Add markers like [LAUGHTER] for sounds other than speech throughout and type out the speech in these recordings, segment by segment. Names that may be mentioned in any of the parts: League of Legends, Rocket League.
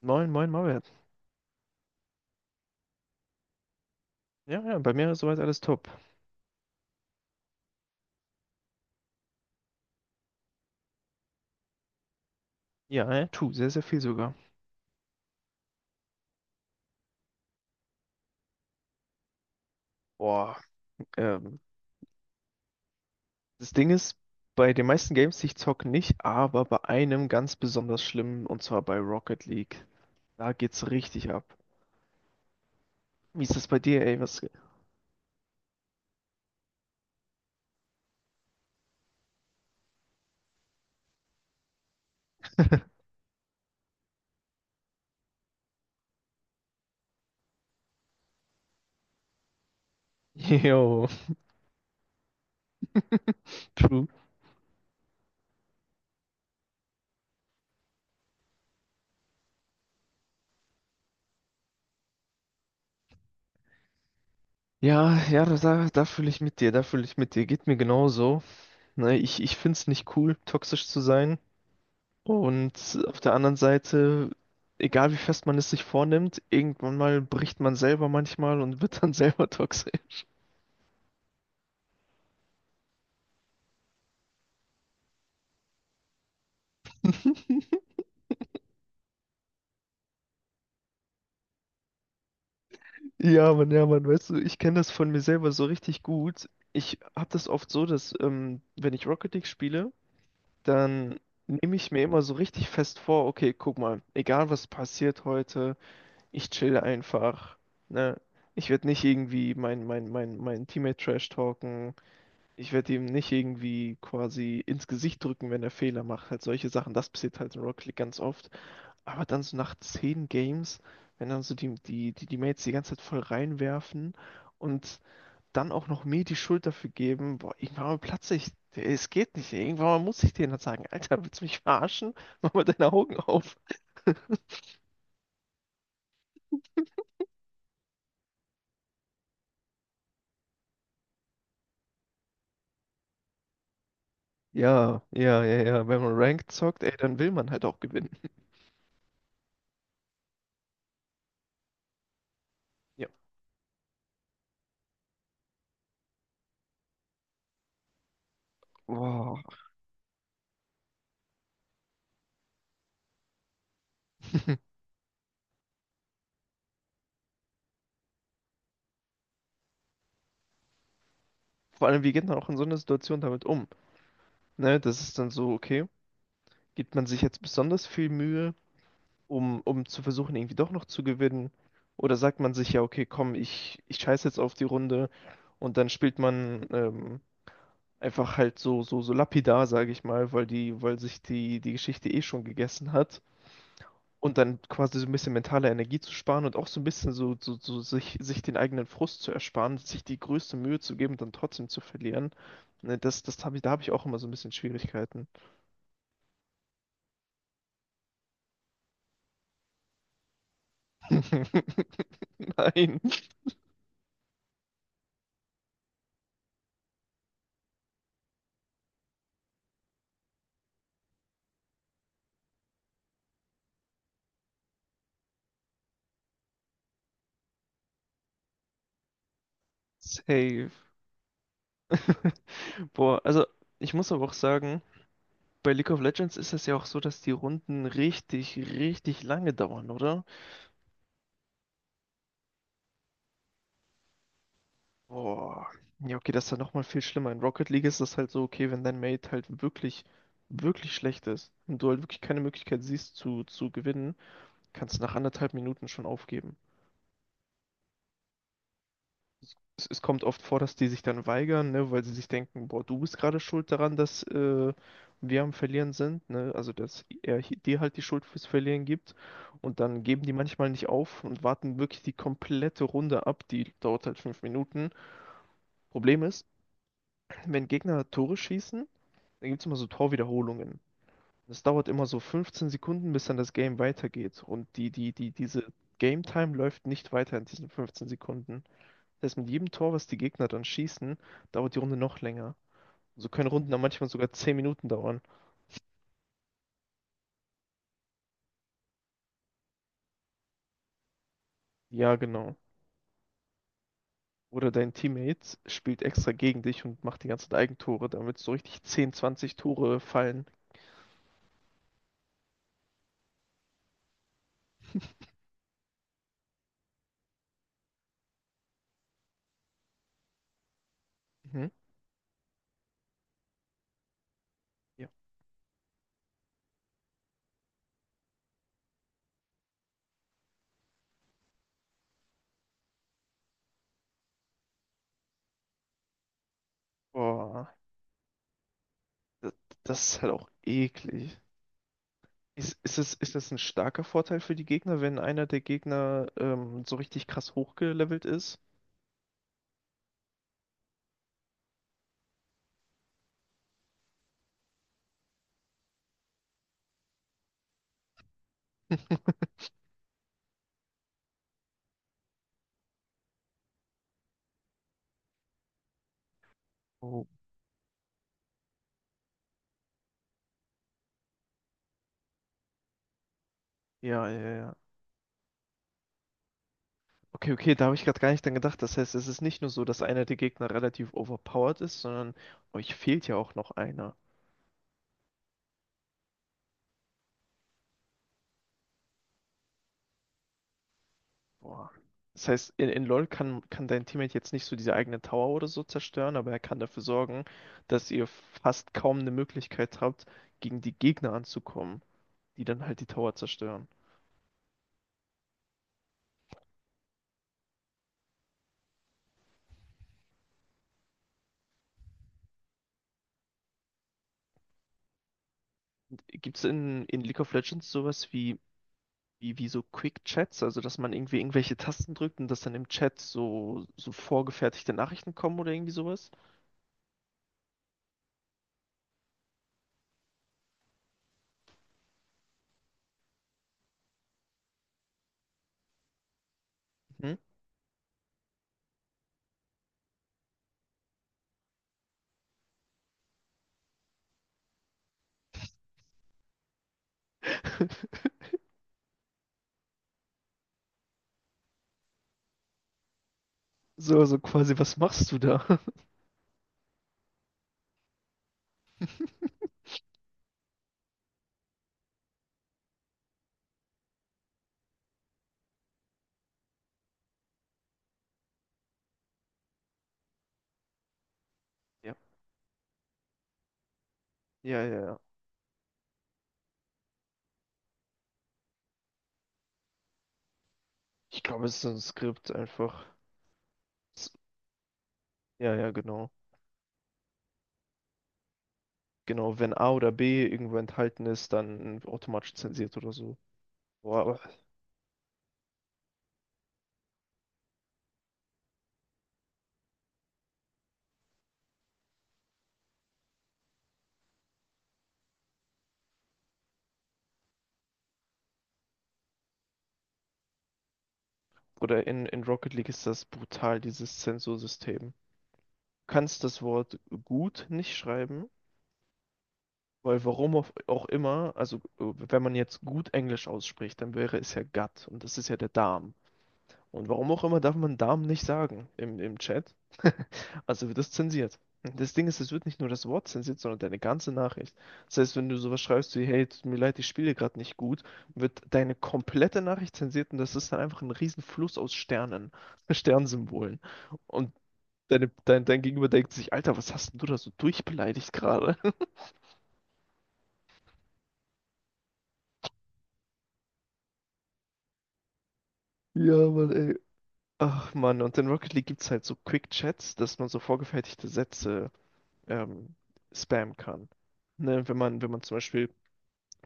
Moin, moin, Maulwert. Ja, ja, bei mir ist soweit alles top. Ja, tu, sehr, sehr viel sogar. Boah, ähm, das Ding ist, bei den meisten Games, die ich zocke, nicht, aber bei einem ganz besonders schlimm, und zwar bei Rocket League. Da geht's richtig ab. Wie ist das bei dir, ey? Was? [LAUGHS] Yo, true. Ja, ja, da fühle ich mit dir, da fühle ich mit dir. Geht mir genauso. Ne, ich find's nicht cool, toxisch zu sein. Und auf der anderen Seite, egal wie fest man es sich vornimmt, irgendwann mal bricht man selber manchmal und wird dann [LAUGHS] selber toxisch. Ja, Mann, weißt du, ich kenne das von mir selber so richtig gut. Ich habe das oft so, dass wenn ich Rocket League spiele, dann nehme ich mir immer so richtig fest vor, okay, guck mal, egal was passiert heute, ich chill einfach, ne? Ich werde nicht irgendwie mein Teammate trash talken. Ich werde ihm nicht irgendwie quasi ins Gesicht drücken, wenn er Fehler macht. Halt solche Sachen, das passiert halt in Rocket League ganz oft. Aber dann so nach zehn Games, wenn dann so die Mates die ganze Zeit voll reinwerfen und dann auch noch mir die Schuld dafür geben, boah, irgendwann mal platze ich. Es geht nicht. Irgendwann mal muss ich denen dann sagen, Alter, willst du mich verarschen? [LAUGHS] Mach mal deine Augen auf. Ja, ja, ja, ja. Wenn man Ranked zockt, ey, dann will man halt auch gewinnen. Ja. Boah. Vor allem, wie geht man auch in so einer Situation damit um? Ne, das ist dann so, okay, Gibt man sich jetzt besonders viel Mühe, um zu versuchen, irgendwie doch noch zu gewinnen? Oder sagt man sich ja, okay, komm, ich scheiß jetzt auf die Runde und dann spielt man einfach halt so lapidar, sage ich mal, weil sich die Geschichte eh schon gegessen hat. Und dann quasi so ein bisschen mentale Energie zu sparen und auch so ein bisschen so sich den eigenen Frust zu ersparen, sich die größte Mühe zu geben und dann trotzdem zu verlieren. Ne, da habe ich auch immer so ein bisschen Schwierigkeiten. [LAUGHS] Nein. Safe. [LAUGHS] Boah, also ich muss aber auch sagen, bei League of Legends ist es ja auch so, dass die Runden richtig, richtig lange dauern, oder? Boah. Ja, okay, das ist ja nochmal viel schlimmer. In Rocket League ist das halt so, okay, wenn dein Mate halt wirklich, wirklich schlecht ist und du halt wirklich keine Möglichkeit siehst zu gewinnen, kannst du nach anderthalb Minuten schon aufgeben. Es kommt oft vor, dass die sich dann weigern, ne, weil sie sich denken, boah, du bist gerade schuld daran, dass wir am Verlieren sind, ne? Also dass er dir halt die Schuld fürs Verlieren gibt. Und dann geben die manchmal nicht auf und warten wirklich die komplette Runde ab. Die dauert halt 5 Minuten. Problem ist, wenn Gegner Tore schießen, dann gibt es immer so Torwiederholungen. Das dauert immer so 15 Sekunden, bis dann das Game weitergeht. Und diese Game Time läuft nicht weiter in diesen 15 Sekunden. Erst mit jedem Tor, was die Gegner dann schießen, dauert die Runde noch länger. So können Runden dann manchmal sogar 10 Minuten dauern. Ja, genau. Oder dein Teammate spielt extra gegen dich und macht die ganze Zeit Eigentore, damit so richtig zehn zwanzig Tore fallen. Mhm. Ja. Boah, das ist halt auch eklig. Ist das ein starker Vorteil für die Gegner, wenn einer der Gegner so richtig krass hochgelevelt ist? [LAUGHS] Oh, ja, ja, ja. Okay, okay, da habe ich gerade gar nicht dran gedacht. Das heißt, es ist nicht nur so, dass einer der Gegner relativ overpowered ist, sondern euch fehlt ja auch noch einer. Boah. Das heißt, in LoL kann dein Teammate jetzt nicht so diese eigene Tower oder so zerstören, aber er kann dafür sorgen, dass ihr fast kaum eine Möglichkeit habt, gegen die Gegner anzukommen, die dann halt die Tower zerstören. Gibt es in League of Legends sowas wie so Quick Chats, also dass man irgendwie irgendwelche Tasten drückt und dass dann im Chat so vorgefertigte Nachrichten kommen oder irgendwie sowas? Mhm. [LAUGHS] So, also quasi, was machst du da? Ja, ja, ja, ja. Ich glaube, es ist so ein Skript einfach. S- Ja, ja, genau. Genau, wenn A oder B irgendwo enthalten ist, dann automatisch zensiert oder so. Boah, aber, oder in Rocket League ist das brutal, dieses Zensursystem. Du kannst das Wort gut nicht schreiben, weil warum auch immer, also wenn man jetzt gut Englisch ausspricht, dann wäre es ja gut und das ist ja der Darm. Und warum auch immer darf man Damen nicht sagen im Chat. [LAUGHS] Also wird das zensiert. Das Ding ist, es wird nicht nur das Wort zensiert, sondern deine ganze Nachricht. Das heißt, wenn du sowas schreibst wie, hey, tut mir leid, ich spiele gerade nicht gut, wird deine komplette Nachricht zensiert und das ist dann einfach ein riesen Fluss aus Sternen, [LAUGHS] Sternsymbolen. Und dein Gegenüber denkt sich, Alter, was hast denn du da so durchbeleidigt gerade? [LAUGHS] Ja, Mann, ey. Ach Mann, und in Rocket League gibt's halt so Quick Chats, dass man so vorgefertigte Sätze ähm, spammen kann. Ne, wenn man zum Beispiel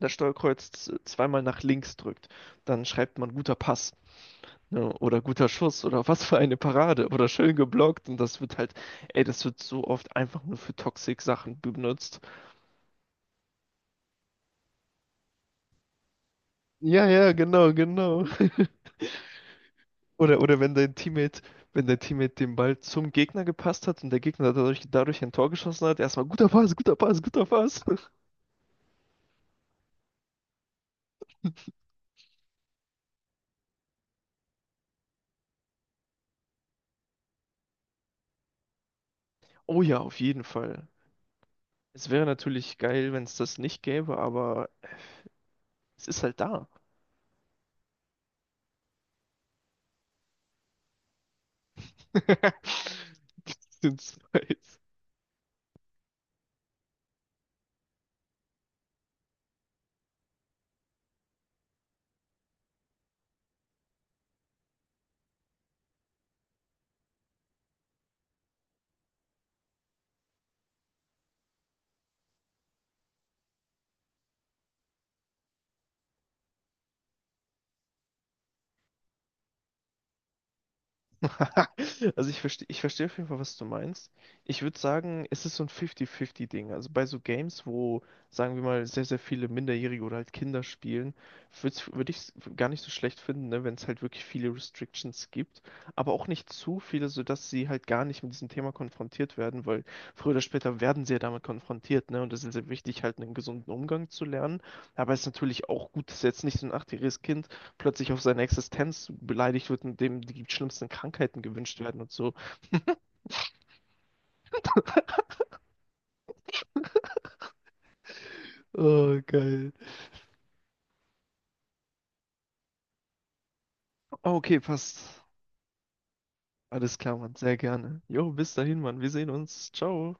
das Steuerkreuz zweimal nach links drückt, dann schreibt man guter Pass, ne, oder guter Schuss oder was für eine Parade oder schön geblockt und das wird halt, ey, das wird so oft einfach nur für Toxic-Sachen benutzt. Ja, ja, genau, genau. [LAUGHS] Oder wenn dein Teammate den Ball zum Gegner gepasst hat und der Gegner dadurch ein Tor geschossen hat, erstmal guter Pass, guter Pass, guter Pass. [LAUGHS] Oh ja, auf jeden Fall. Es wäre natürlich geil, wenn es das nicht gäbe, aber es ist halt da. [LAUGHS] Das sind zwei. [LAUGHS] Also ich verstehe auf jeden Fall, was du meinst. Ich würde sagen, es ist so ein 50-50-Ding. Also bei so Games, wo, sagen wir mal, sehr, sehr viele Minderjährige oder halt Kinder spielen, würde ich es gar nicht so schlecht finden, ne, wenn es halt wirklich viele Restrictions gibt, aber auch nicht zu viele, sodass sie halt gar nicht mit diesem Thema konfrontiert werden, weil früher oder später werden sie ja damit konfrontiert, ne? Und das ist sehr wichtig, halt einen gesunden Umgang zu lernen. Aber es ist natürlich auch gut, dass jetzt nicht so ein achtjähriges Kind plötzlich auf seine Existenz beleidigt wird und dem die schlimmsten Krankheiten gewünscht werden und so. Oh, geil. Okay, passt. Alles klar, Mann. Sehr gerne. Jo, bis dahin, Mann. Wir sehen uns. Ciao.